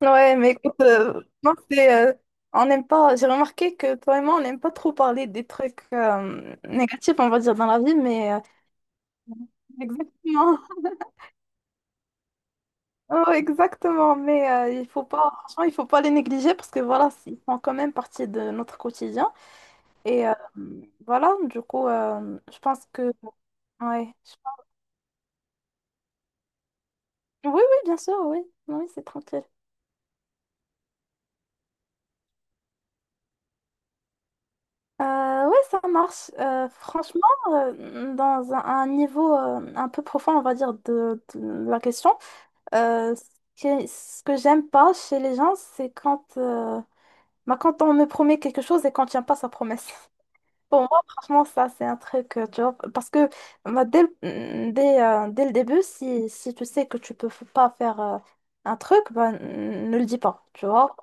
Ouais, mais écoute, moi, c'est, on n'aime pas, j'ai remarqué que toi et moi, on n'aime pas trop parler des trucs négatifs, on va dire, dans la vie, mais exactement, Oh, exactement, mais il faut pas, franchement, il faut pas les négliger parce que voilà, ils font quand même partie de notre quotidien. Et euh, voilà, du coup, je pense que, ouais, je- pense- oui, oui, bien sûr, oui, oui, c'est tranquille. Ouais, ça marche. Franchement, dans un niveau un peu profond, on va dire, de la question, euh, ce que j'aime pas chez les gens, c'est quand, bah, quand on me promet quelque chose et qu'on tient pas sa promesse. Pour moi, franchement, ça, c'est un truc, tu vois, parce que bah, dès le début, si, si tu sais que tu peux pas faire un truc, bah, ne le dis pas, tu vois.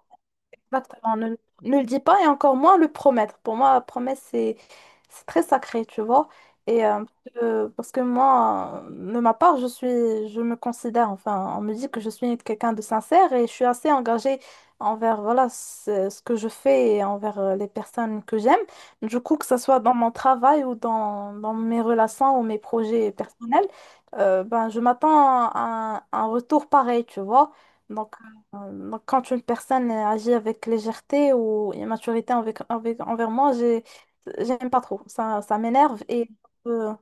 Exactement, ne, ne le dis pas et encore moins le promettre. Pour moi, la promesse, c'est très sacré, tu vois. Et euh, parce que moi, de ma part, je me considère, enfin, on me dit que je suis quelqu'un de sincère et je suis assez engagée envers, voilà, ce que je fais et envers les personnes que j'aime. Du coup, que ce soit dans mon travail ou dans mes relations ou mes projets personnels, ben, je m'attends à un retour pareil, tu vois. Donc, donc, quand une personne agit avec légèreté ou immaturité envers moi, j'aime pas trop. Ça m'énerve et euh,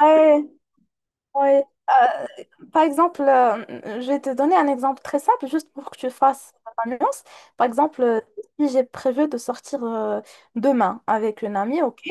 ouais, Ouais, euh, Par exemple, je vais te donner un exemple très simple, juste pour que tu fasses la nuance. Par exemple, si j'ai prévu de sortir demain avec une amie, ok,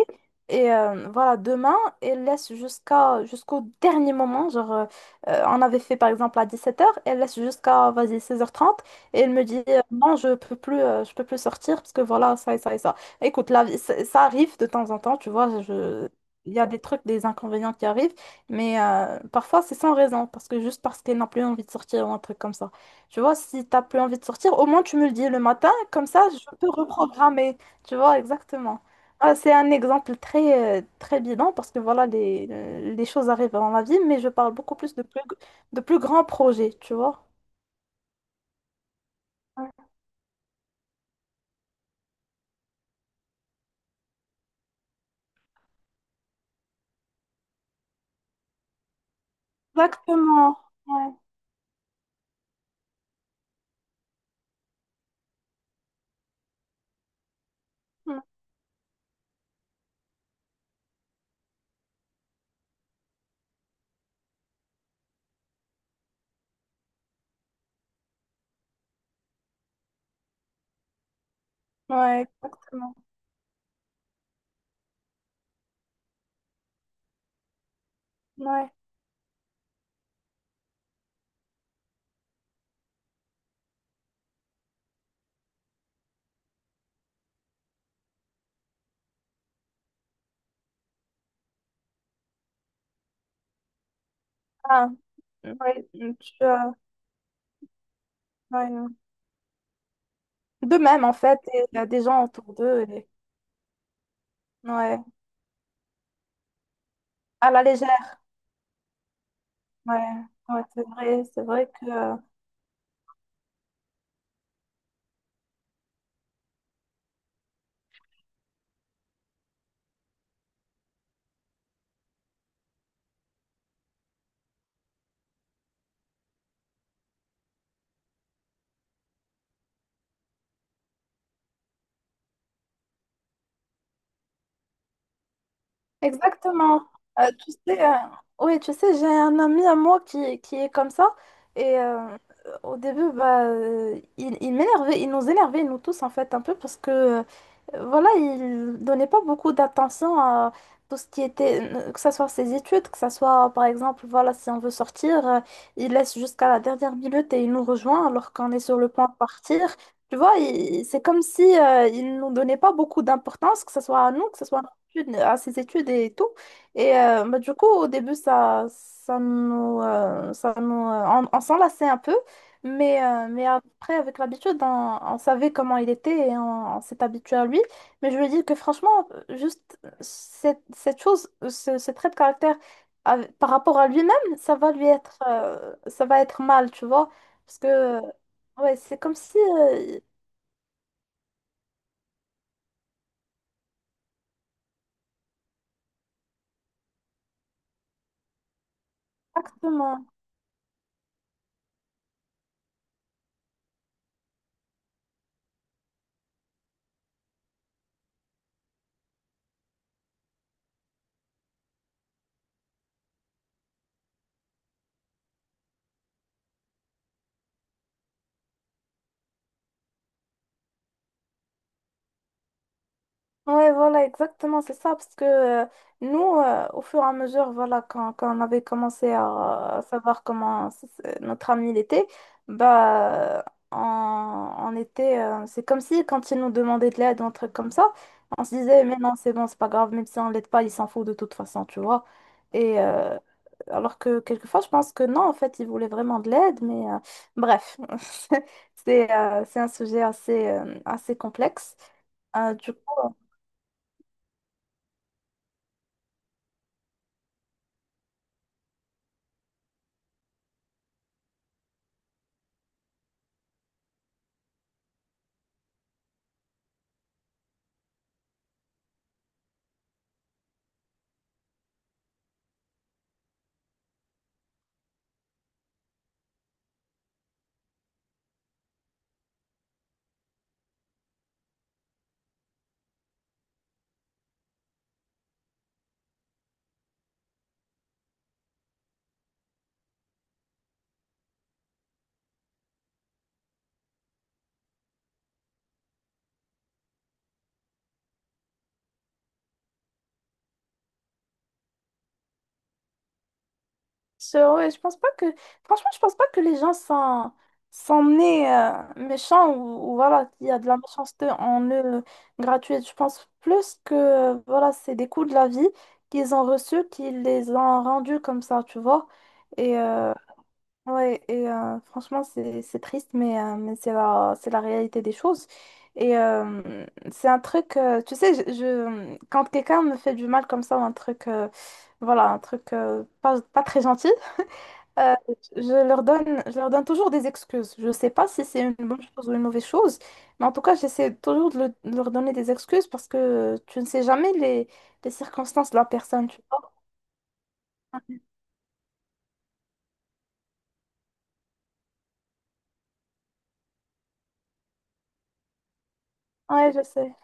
voilà, demain, elle laisse jusqu'au dernier moment, genre, on avait fait par exemple à 17h, elle laisse jusqu'à, vas-y, 16h30, et elle me dit, non, je peux plus sortir, parce que voilà, ça et ça et ça. Écoute, la vie, ça arrive de temps en temps, tu vois, je... il y a des trucs, des inconvénients qui arrivent. Mais parfois, c'est sans raison, parce que juste parce qu'elle n'a plus envie de sortir ou un truc comme ça. Tu vois, si t'as plus envie de sortir, au moins tu me le dis le matin, comme ça, je peux reprogrammer. Tu vois, exactement. Ah, c'est un exemple très, très bidon, parce que voilà, les choses arrivent dans la vie, mais je parle beaucoup plus de plus grands projets, tu vois. Ouais. Exactement. Ouais. Mm. Ouais, exactement. Ouais. Ah. Ouais. Tu, euh, ouais. De même, en fait, il y a des gens autour d'eux. Et Ouais. à la légère. Ouais, ouais, c'est vrai. C'est vrai que exactement. Tu sais, oui, tu sais, j'ai un ami à moi qui est comme ça. Et euh, au début, bah, il m'énervait, il nous énervait, nous tous, en fait, un peu, parce que, voilà, il donnait pas beaucoup d'attention à tout ce qui était, que ce soit ses études, que ce soit, par exemple, voilà, si on veut sortir, il laisse jusqu'à la dernière minute et il nous rejoint alors qu'on est sur le point de partir. Tu vois, c'est comme si, il nous donnait pas beaucoup d'importance, que ce soit à nous, que ce soit à ses études et tout. Et bah, du coup, au début, ça nous, on s'enlaçait un peu, mais après, avec l'habitude, on savait comment il était et on s'est habitué à lui. Mais je lui dis que franchement, juste cette, cette chose, ce, ce trait de caractère par rapport à lui-même, ça va être mal, tu vois. Parce que, ouais, c'est comme si. Exactement. Ouais, voilà, exactement, c'est ça, parce que nous, au fur et à mesure, voilà, quand, quand on avait commencé à savoir comment notre ami il était, bah, on était, c'est comme si quand il nous demandait de l'aide, un truc comme ça, on se disait, mais non, c'est bon, c'est pas grave, même si on l'aide pas, il s'en fout de toute façon, tu vois. Et euh, alors que quelquefois, je pense que non, en fait, il voulait vraiment de l'aide, mais bref, c'est un sujet assez, assez complexe. Euh, du coup, C'est vrai, je pense pas que. Franchement, je pense pas que sont nés méchants ou voilà, qu'il y a de la méchanceté en eux gratuite. Je pense plus que voilà, c'est des coups de la vie qu'ils ont reçus, qu'ils les ont rendus comme ça, tu vois. Et euh, ouais, et franchement, c'est triste, mais c'est la réalité des choses. Et c'est un truc, tu sais, quand quelqu'un me fait du mal comme ça, ou un truc, voilà, un truc pas, pas très gentil. Euh, je leur donne toujours des excuses. Je ne sais pas si c'est une bonne chose ou une mauvaise chose, mais en tout cas, j'essaie toujours de, de leur donner des excuses parce que tu ne sais jamais les, les circonstances de la personne, tu vois. Ouais, je sais.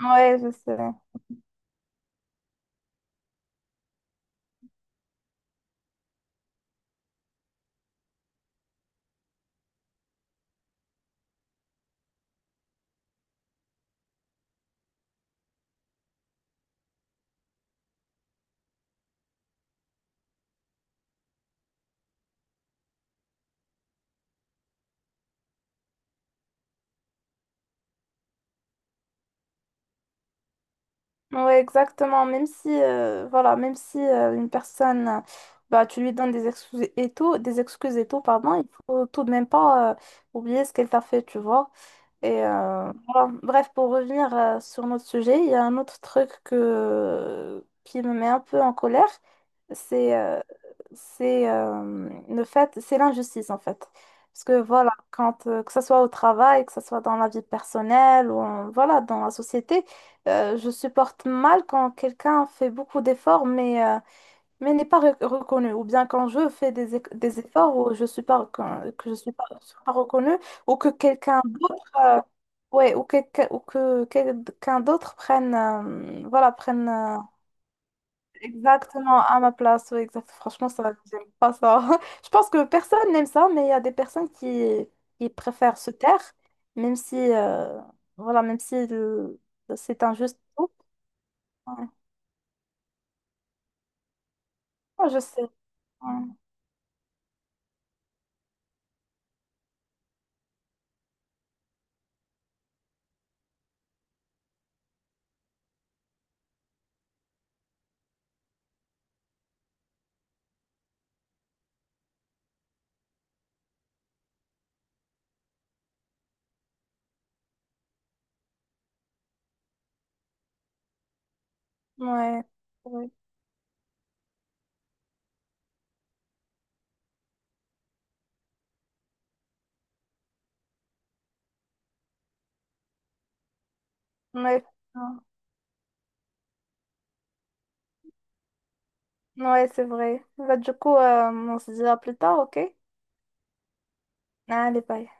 Ouais, je sais. Ouais, exactement. Même si, voilà, même si une personne, bah, tu lui donnes des excuses et tout, des excuses et tout, pardon, il faut tout de même pas oublier ce qu'elle t'a fait, tu vois. Et voilà. Bref, pour revenir sur notre sujet, il y a un autre truc que, qui me met un peu en colère, c'est euh, c'est le fait, c'est l'injustice en fait. Parce que voilà, quand, que ce soit au travail, que ce soit dans la vie personnelle ou voilà, dans la société, je supporte mal quand quelqu'un fait beaucoup d'efforts, mais n'est pas reconnue. Ou bien quand je fais des, des efforts ou je suis pas, que je suis pas reconnue, ou que quelqu'un d'autre, ouais, ou, ou que quelqu'un d'autre prenne, voilà, prenne exactement à ma place. Ouais, exact. Franchement, ça, j'aime pas ça. Je pense que personne n'aime ça, mais il y a des personnes qui préfèrent se taire, même si, voilà, même si c'est injuste. Ouais. Ouais, je sais. Ouais. Ouais. Ouais. Ouais. Ouais, c'est vrai. Bah, du coup, on se dira plus tard, ok? Allez, bye.